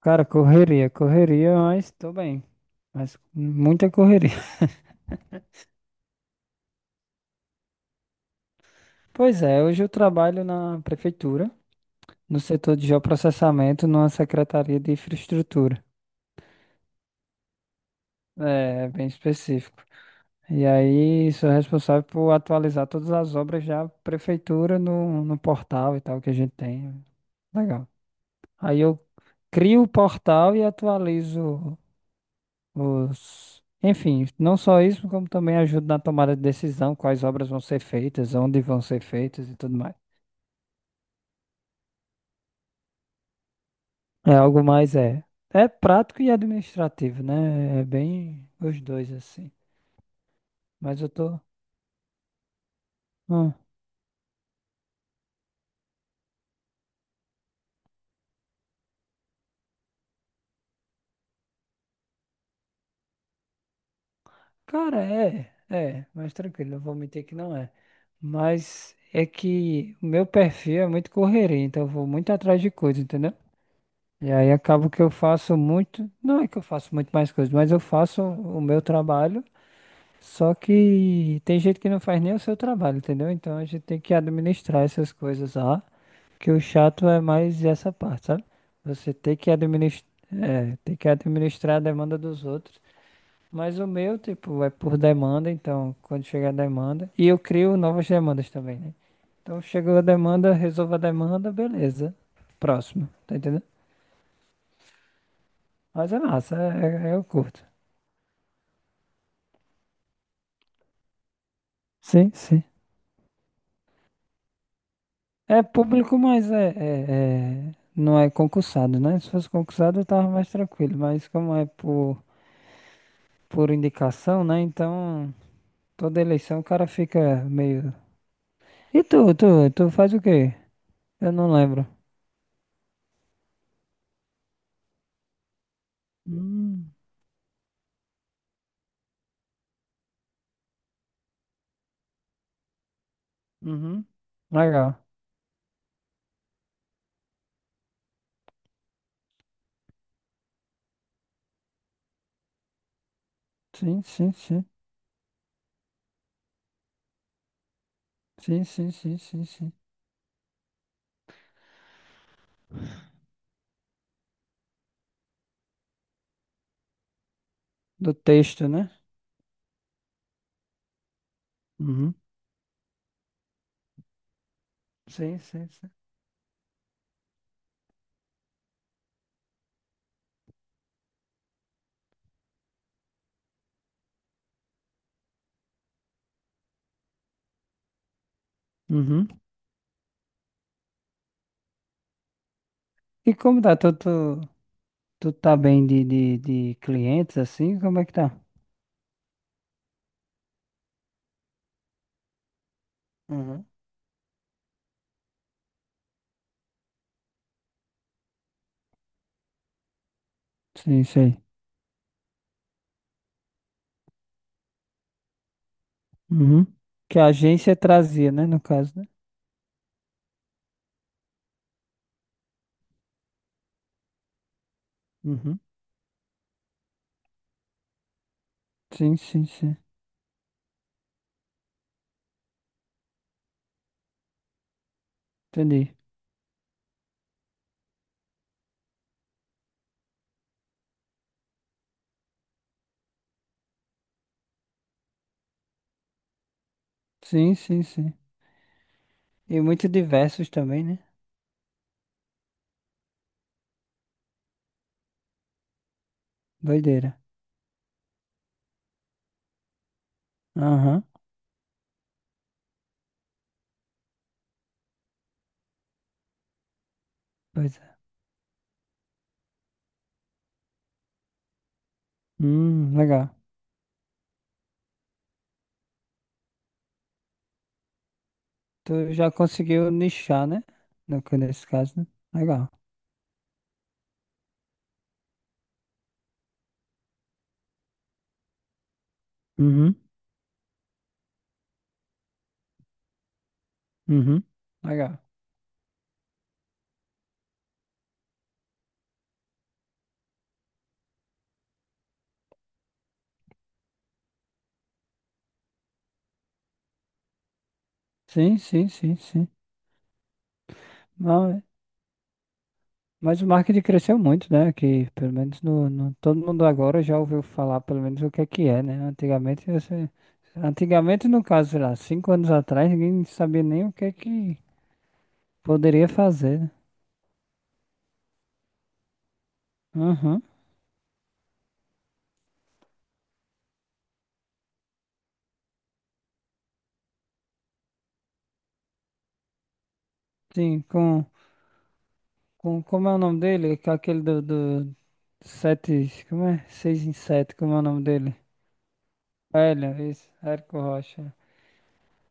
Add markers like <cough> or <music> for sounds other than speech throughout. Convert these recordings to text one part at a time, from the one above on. Cara, correria, correria, mas tô bem. Mas muita correria. <laughs> Pois é, hoje eu trabalho na prefeitura, no setor de geoprocessamento, numa secretaria de infraestrutura. É, bem específico. E aí, sou responsável por atualizar todas as obras da prefeitura no portal e tal que a gente tem. Legal. Aí eu crio o portal e atualizo os... Enfim, não só isso, como também ajuda na tomada de decisão, quais obras vão ser feitas, onde vão ser feitas e tudo mais. É algo mais, é prático e administrativo, né? É bem os dois, assim. Mas eu tô... hum, Cara, mas tranquilo, não vou mentir que não é. Mas é que o meu perfil é muito correria, então eu vou muito atrás de coisa, entendeu? E aí acabo que eu faço muito, não é que eu faço muito mais coisas, mas eu faço o meu trabalho. Só que tem gente que não faz nem o seu trabalho, entendeu? Então a gente tem que administrar essas coisas lá, que o chato é mais essa parte, sabe? Você tem que administrar, tem que administrar a demanda dos outros. Mas o meu, tipo, é por demanda, então quando chegar a demanda, e eu crio novas demandas também, né? Então chegou a demanda, resolvo a demanda, beleza. Próximo, tá entendendo? Mas é massa, eu curto. Sim, sim. É público, mas não é concursado, né? Se fosse concursado, eu tava mais tranquilo. Mas como é por indicação, né? Então, toda eleição o cara fica meio. E tu faz o quê? Eu não lembro. Hum, uhum. Legal. Sim, sim, sim. Sim, sim, sim, sim, sim. Do texto, né? Uhum. Sim, sim, sim. Uhum. E como tá? Tu tá bem de clientes, assim? Como é que tá? Uhum. Sim, sim. Uhum. Que a agência trazia, né? No caso, né? Uhum. Sim, sim, sim. Entendi. Sim, sim, sim. E muito diversos também, né? Doideira. Aham. Pois é. Legal. Tu já conseguiu nichar, né? No, ca- Nesse caso, né? Legal. Uhum. Uhum. Legal. Sim, sim, sim, sim. Mas o marketing cresceu muito, né? Que pelo menos todo mundo agora já ouviu falar, pelo menos o que é, né? Antigamente você, antigamente no caso, sei lá, 5 anos atrás, ninguém sabia nem o que é que poderia fazer, né? Aham. Sim, com como é o nome dele? Com aquele do sete, como é? Seis em sete, como é o nome dele? Hélio, isso, Érico Rocha.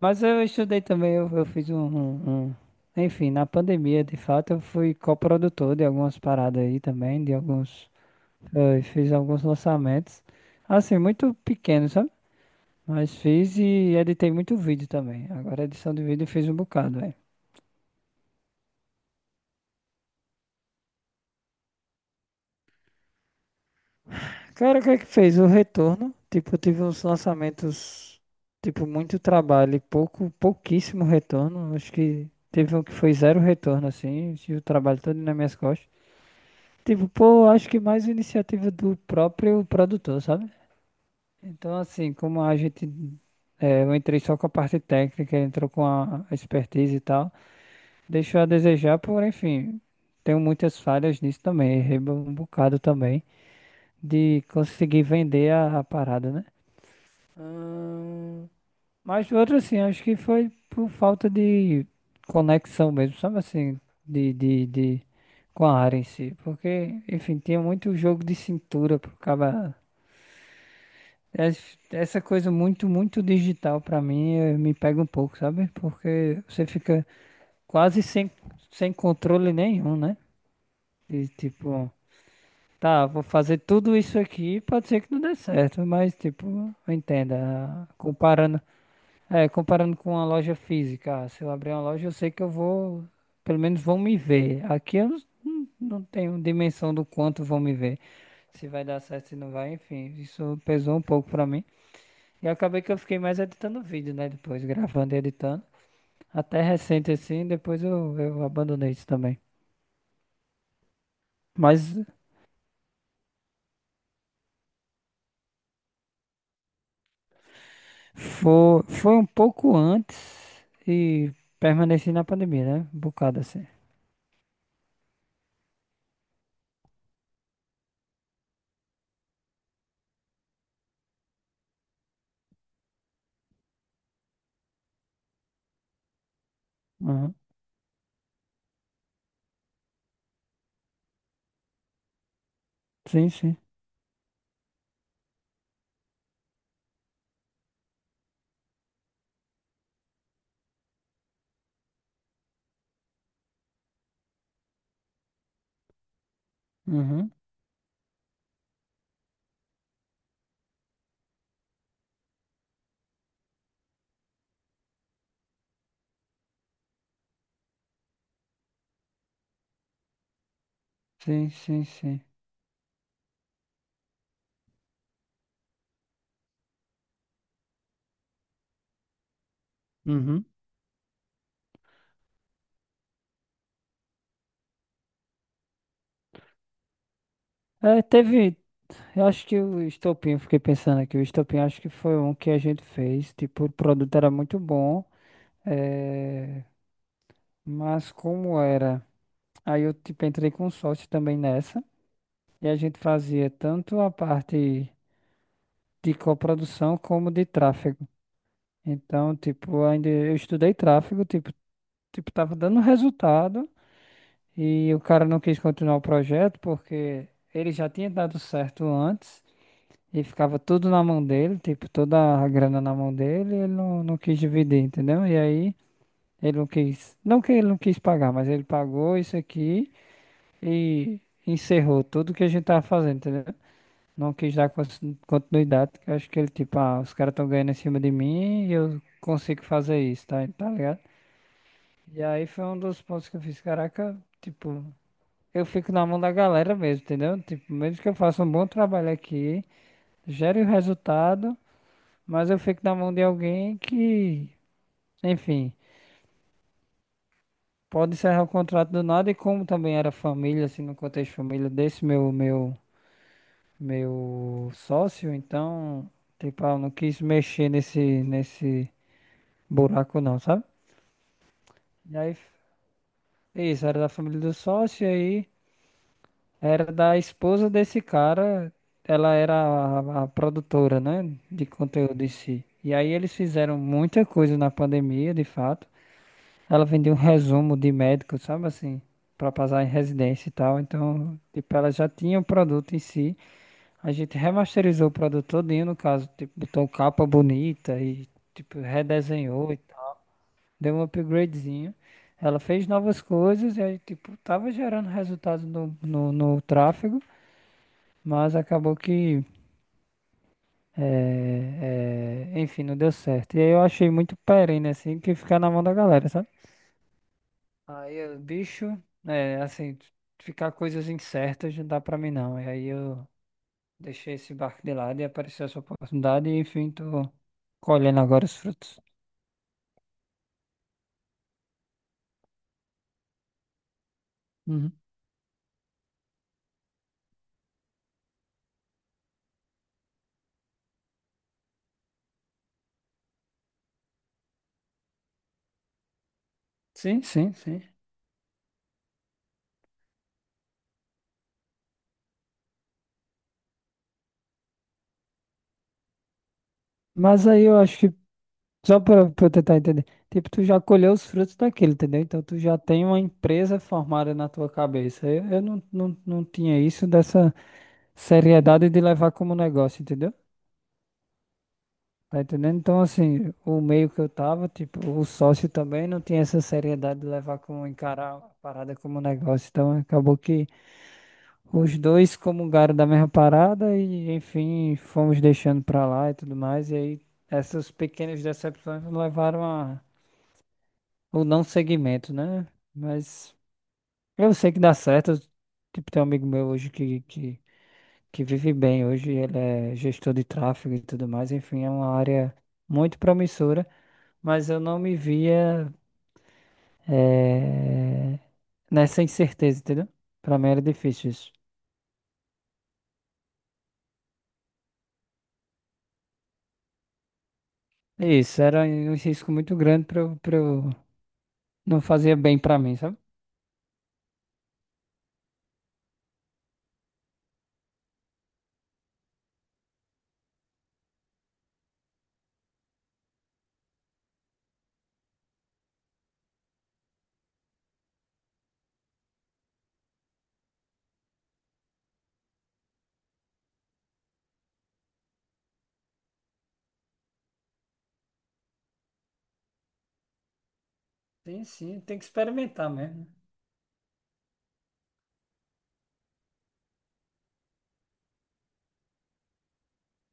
Mas eu estudei também, eu fiz Enfim, na pandemia, de fato, eu fui coprodutor de algumas paradas aí também, de alguns. Fiz alguns lançamentos. Assim, muito pequeno, sabe? Mas fiz e editei muito vídeo também. Agora, edição de vídeo eu fiz um bocado, velho. Cara, o que é que fez? O retorno. Tipo, eu tive uns lançamentos. Tipo, muito trabalho e pouco, pouquíssimo retorno. Acho que teve um que foi zero retorno, assim, e o trabalho todo nas minhas costas. Tipo, pô, acho que mais iniciativa do próprio produtor, sabe? Então, assim, como a gente. Eu entrei só com a parte técnica, ele entrou com a expertise e tal. Deixou a desejar, por enfim, tenho muitas falhas nisso também. Errei um bocado também de conseguir vender a parada, né? Mas outro assim, acho que foi por falta de conexão mesmo, sabe assim, de com a área em si. Porque, enfim, tinha muito jogo de cintura pro cara. Essa coisa muito, muito digital pra mim, me pega um pouco, sabe? Porque você fica quase sem controle nenhum, né? De tipo, tá, vou fazer tudo isso aqui, pode ser que não dê certo, mas tipo, entenda, comparando com uma loja física, ah, se eu abrir uma loja, eu sei que eu vou, pelo menos vão me ver. Aqui eu não tenho dimensão do quanto vão me ver, se vai dar certo, se não vai, enfim, isso pesou um pouco pra mim. E acabei que eu fiquei mais editando vídeo, né, depois, gravando e editando. Até recente assim, depois eu abandonei isso também. Mas foi um pouco antes e permaneci na pandemia, né, um bocado assim. Uhum. Sim, sim. Uhum. Sim, sim, sim. Uhum. É, teve. Eu acho que o estopim, eu fiquei pensando aqui, o estopim acho que foi um que a gente fez. Tipo, o produto era muito bom, é, mas como era? Aí eu tipo, entrei com sócio também nessa, e a gente fazia tanto a parte de coprodução como de tráfego. Então, tipo, ainda eu estudei tráfego, tipo, tava dando resultado, e o cara não quis continuar o projeto porque ele já tinha dado certo antes. E ficava tudo na mão dele, tipo, toda a grana na mão dele, e ele não quis dividir, entendeu? E aí ele não quis, não que ele não quis pagar, mas ele pagou isso aqui e encerrou tudo que a gente tava fazendo, entendeu? Não quis dar continuidade, porque eu acho que ele, tipo, ah, os caras estão ganhando em cima de mim e eu consigo fazer isso, tá ligado? E aí foi um dos pontos que eu fiz, caraca, tipo, eu fico na mão da galera mesmo, entendeu? Tipo, mesmo que eu faça um bom trabalho aqui, gere o resultado. Mas eu fico na mão de alguém que, enfim, pode encerrar o contrato do nada e como também era família, assim, no contexto família desse meu sócio, então, tipo, ah, eu não quis mexer nesse buraco não, sabe? E aí, isso, era da família do sócio, e aí era da esposa desse cara, ela era a produtora, né, de conteúdo em si. E aí eles fizeram muita coisa na pandemia, de fato. Ela vendia um resumo de médico, sabe assim, pra passar em residência e tal. Então, tipo, ela já tinha o produto em si. A gente remasterizou o produto todinho, no caso, tipo, botou capa bonita e tipo redesenhou e tal. Deu um upgradezinho. Ela fez novas coisas e aí, tipo, tava gerando resultado no tráfego, mas acabou que, enfim, não deu certo. E aí eu achei muito perene, assim, que ficar na mão da galera, sabe? Aí eu, bicho, é assim, ficar coisas incertas não dá pra mim não. E aí eu deixei esse barco de lado e apareceu essa oportunidade e enfim, tô colhendo agora os frutos. Uhum. Sim, sim, sim. Mas aí eu acho que, só pra eu tentar entender, tipo, tu já colheu os frutos daquilo, entendeu? Então tu já tem uma empresa formada na tua cabeça. Eu não tinha isso dessa seriedade de levar como negócio, entendeu? Tá entendendo? Então, assim, o meio que eu tava, tipo, o sócio também não tinha essa seriedade de levar como encarar a parada como negócio. Então, acabou que os dois comungaram da mesma parada e, enfim, fomos deixando pra lá e tudo mais. E aí, essas pequenas decepções nos levaram a o não seguimento, né? Mas eu sei que dá certo. Tipo, tem um amigo meu hoje que vive bem hoje, ele é gestor de tráfego e tudo mais. Enfim, é uma área muito promissora. Mas eu não me via, eh, nessa incerteza, entendeu? Pra mim era difícil isso. É isso, era um risco muito grande pra eu... Não fazia bem pra mim, sabe? Sim, sim, tem que experimentar mesmo.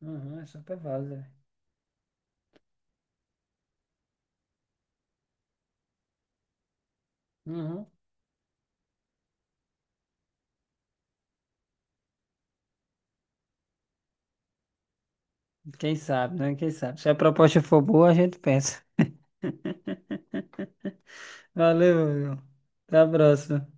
Uhum, é super válido, velho. Uhum. Quem sabe, né? Quem sabe. Se a proposta for boa, a gente pensa. Valeu, meu. Até a próxima.